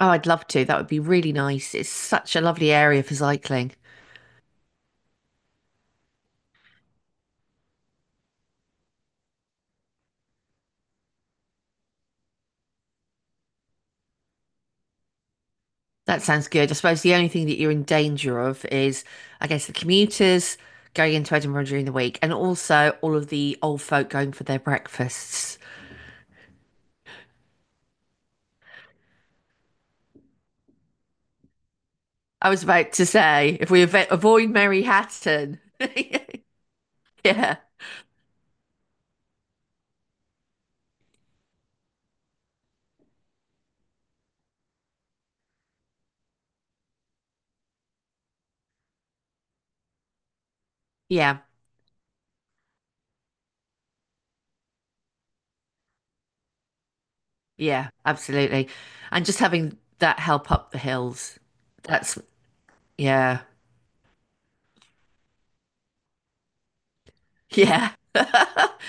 Oh, I'd love to. That would be really nice. It's such a lovely area for cycling. That sounds good. I suppose the only thing that you're in danger of is, I guess, the commuters going into Edinburgh during the week and also all of the old folk going for their breakfasts. I was about to say, if we avoid Mary Hatton. Yeah, yeah, yeah, absolutely. And just having that help up the hills. That's, yeah, yeah.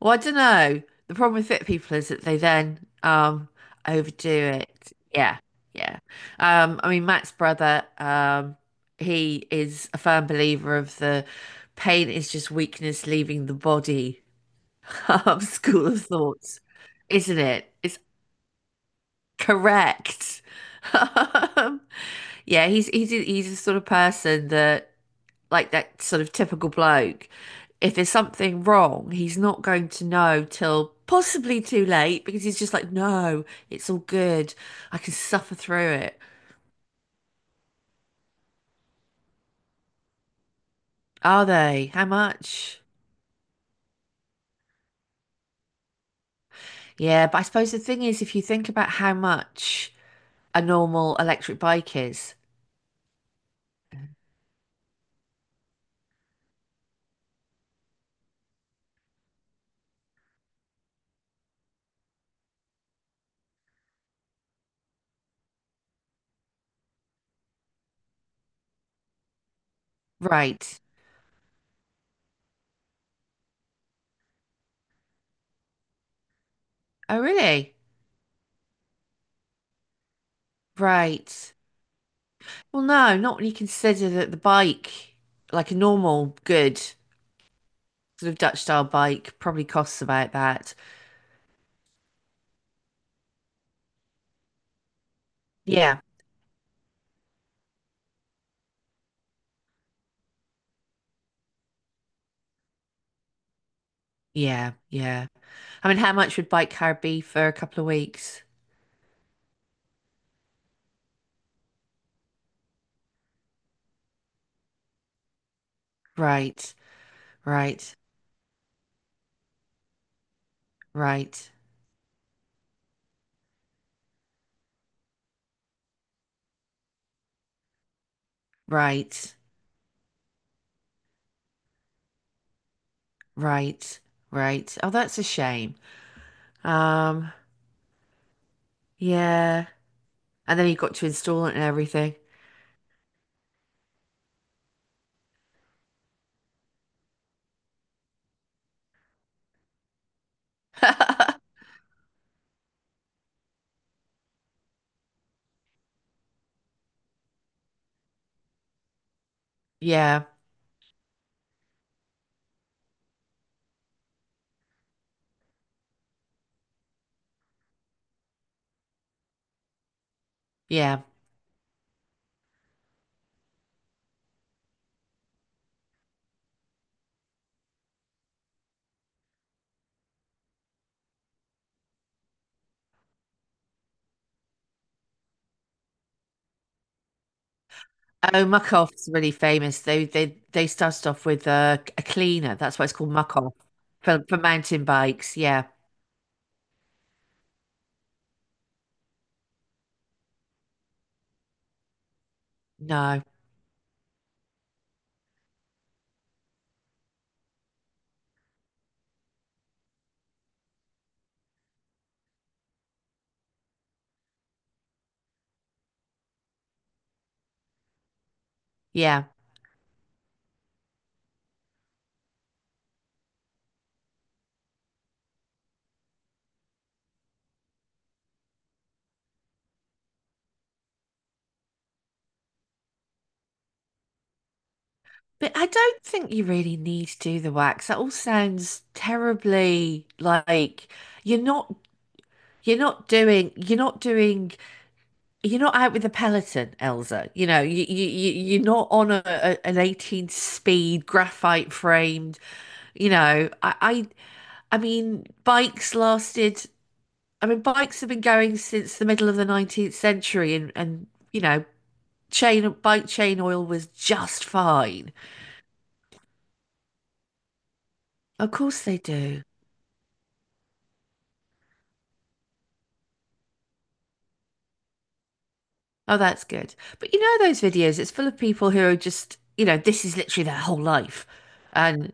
Well, I don't know. The problem with fit people is that they then overdo it. Yeah, yeah. I mean Matt's brother, he is a firm believer of the pain is just weakness leaving the body school of thoughts, isn't it? It's correct. Um, yeah, he's the sort of person that like that sort of typical bloke, if there's something wrong, he's not going to know till possibly too late because he's just like, no, it's all good. I can suffer through it. Are they? How much? Yeah, but I suppose the thing is, if you think about how much a normal electric bike is, right. Oh, really? Right. Well, no, not when you consider that the bike, like a normal, good sort of Dutch style bike, probably costs about that. Yeah. Yeah, yeah. I mean, how much would Bike Car be for a couple of weeks? Right, right, right, right, right, right. Oh, that's a shame. Um, yeah. And then you've got to install it and everything. Yeah, yeah. Oh, Muck Off's really famous. They started off with a cleaner. That's why it's called Muck Off for mountain bikes. Yeah. No. Yeah. But I don't think you really need to do the wax. That all sounds terribly like you're not you're not doing you're not doing you're not out with a peloton, Elsa. You know, you- you're not on a an 18 speed graphite framed, you know. I mean bikes lasted I mean bikes have been going since the middle of the 19th century and you know, chain bike chain oil was just fine. Of course they do. Oh, that's good. But you know those videos, it's full of people who are just, you know, this is literally their whole life. And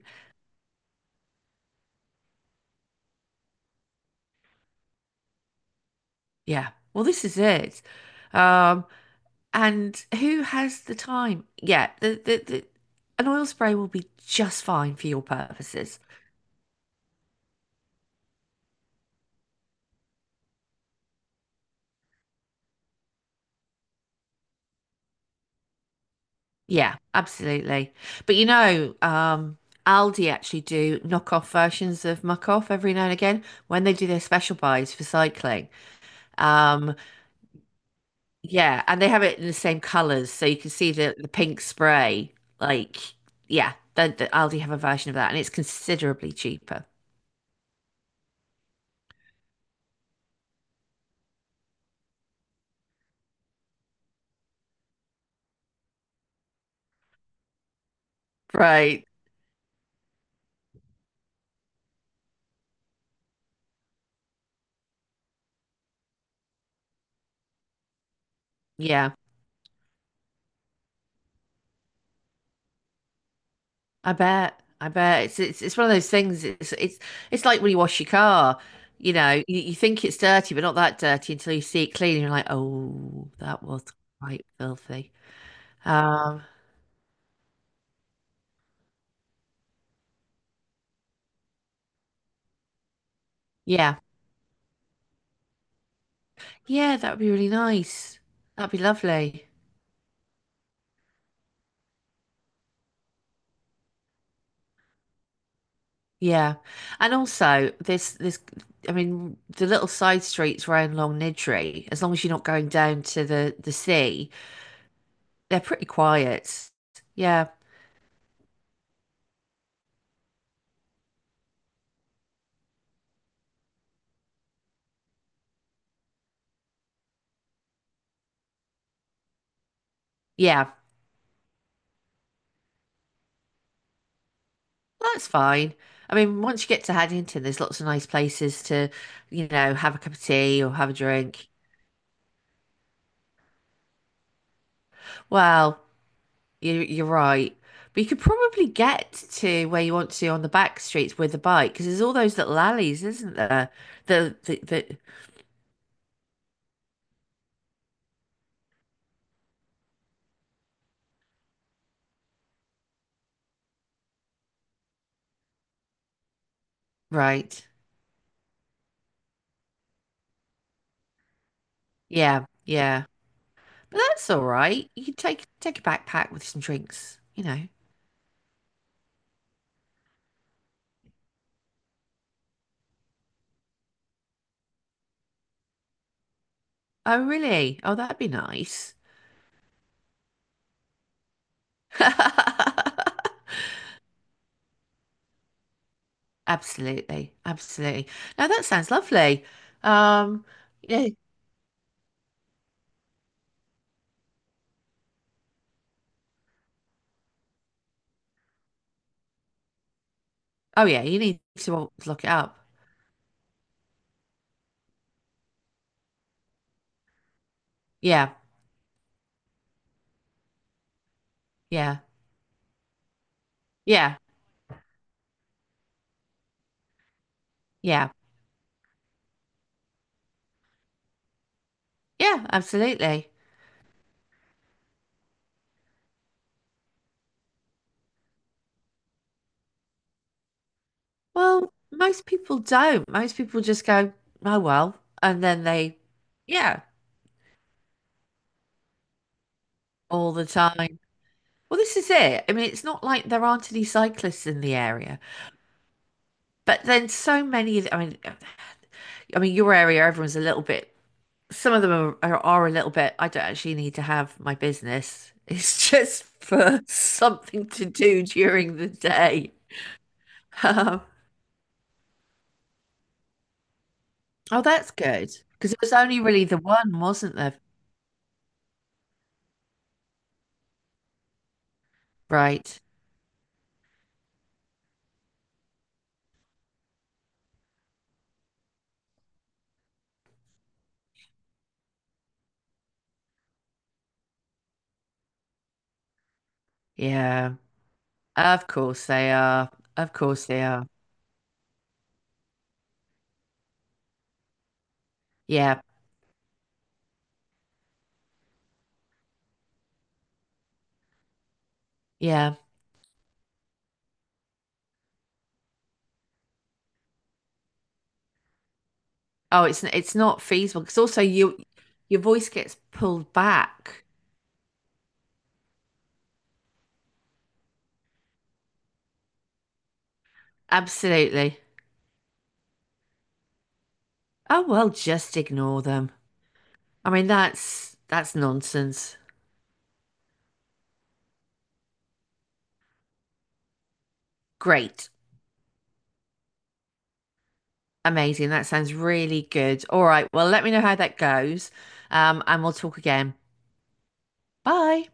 yeah, well, this is it. Um, and who has the time? Yeah, the an oil spray will be just fine for your purposes. Yeah, absolutely. But you know, Aldi actually do knockoff versions of Muck Off every now and again when they do their special buys for cycling. Um, Yeah, and they have it in the same colors, so you can see the pink spray. Like, yeah, the Aldi have a version of that, and it's considerably cheaper. Right. Yeah, I bet. I bet it's one of those things. It's like when you wash your car. You know, you think it's dirty, but not that dirty until you see it clean, and you're like, oh, that was quite filthy. Um, yeah, yeah, that would be really nice. That'd be lovely. Yeah. And also this I mean the little side streets around Long Nidri, as long as you're not going down to the sea, they're pretty quiet. Yeah. Yeah. That's fine. I mean, once you get to Haddington, there's lots of nice places to, you know, have a cup of tea or have a drink. Well, you you're right. But you could probably get to where you want to on the back streets with a bike because there's all those little alleys, isn't there? The right. Yeah. Yeah. But that's all right. You can take take a backpack with some drinks, you know. Oh, really? Oh, that'd be nice. Absolutely, absolutely. Now that sounds lovely. Um, yeah. Oh, yeah. You need to look it up. Yeah, yeah, yeah, yeah, yeah. Absolutely. Well, most people don't. Most people just go, oh well, and then they, yeah, all the time. Well, this is it. I mean, it's not like there aren't any cyclists in the area. But then so many of the- I mean your area everyone's a little bit some of them are a little bit I don't actually need to have my business. It's just for something to do during the day. Um, oh that's good. Because it was only really the one, wasn't there? Right. Yeah. Of course they are. Of course they are. Yeah. Yeah. Oh, it's not feasible because also your voice gets pulled back. Absolutely. Oh well, just ignore them. I mean, that's nonsense. Great. Amazing. That sounds really good. All right. Well, let me know how that goes. And we'll talk again. Bye.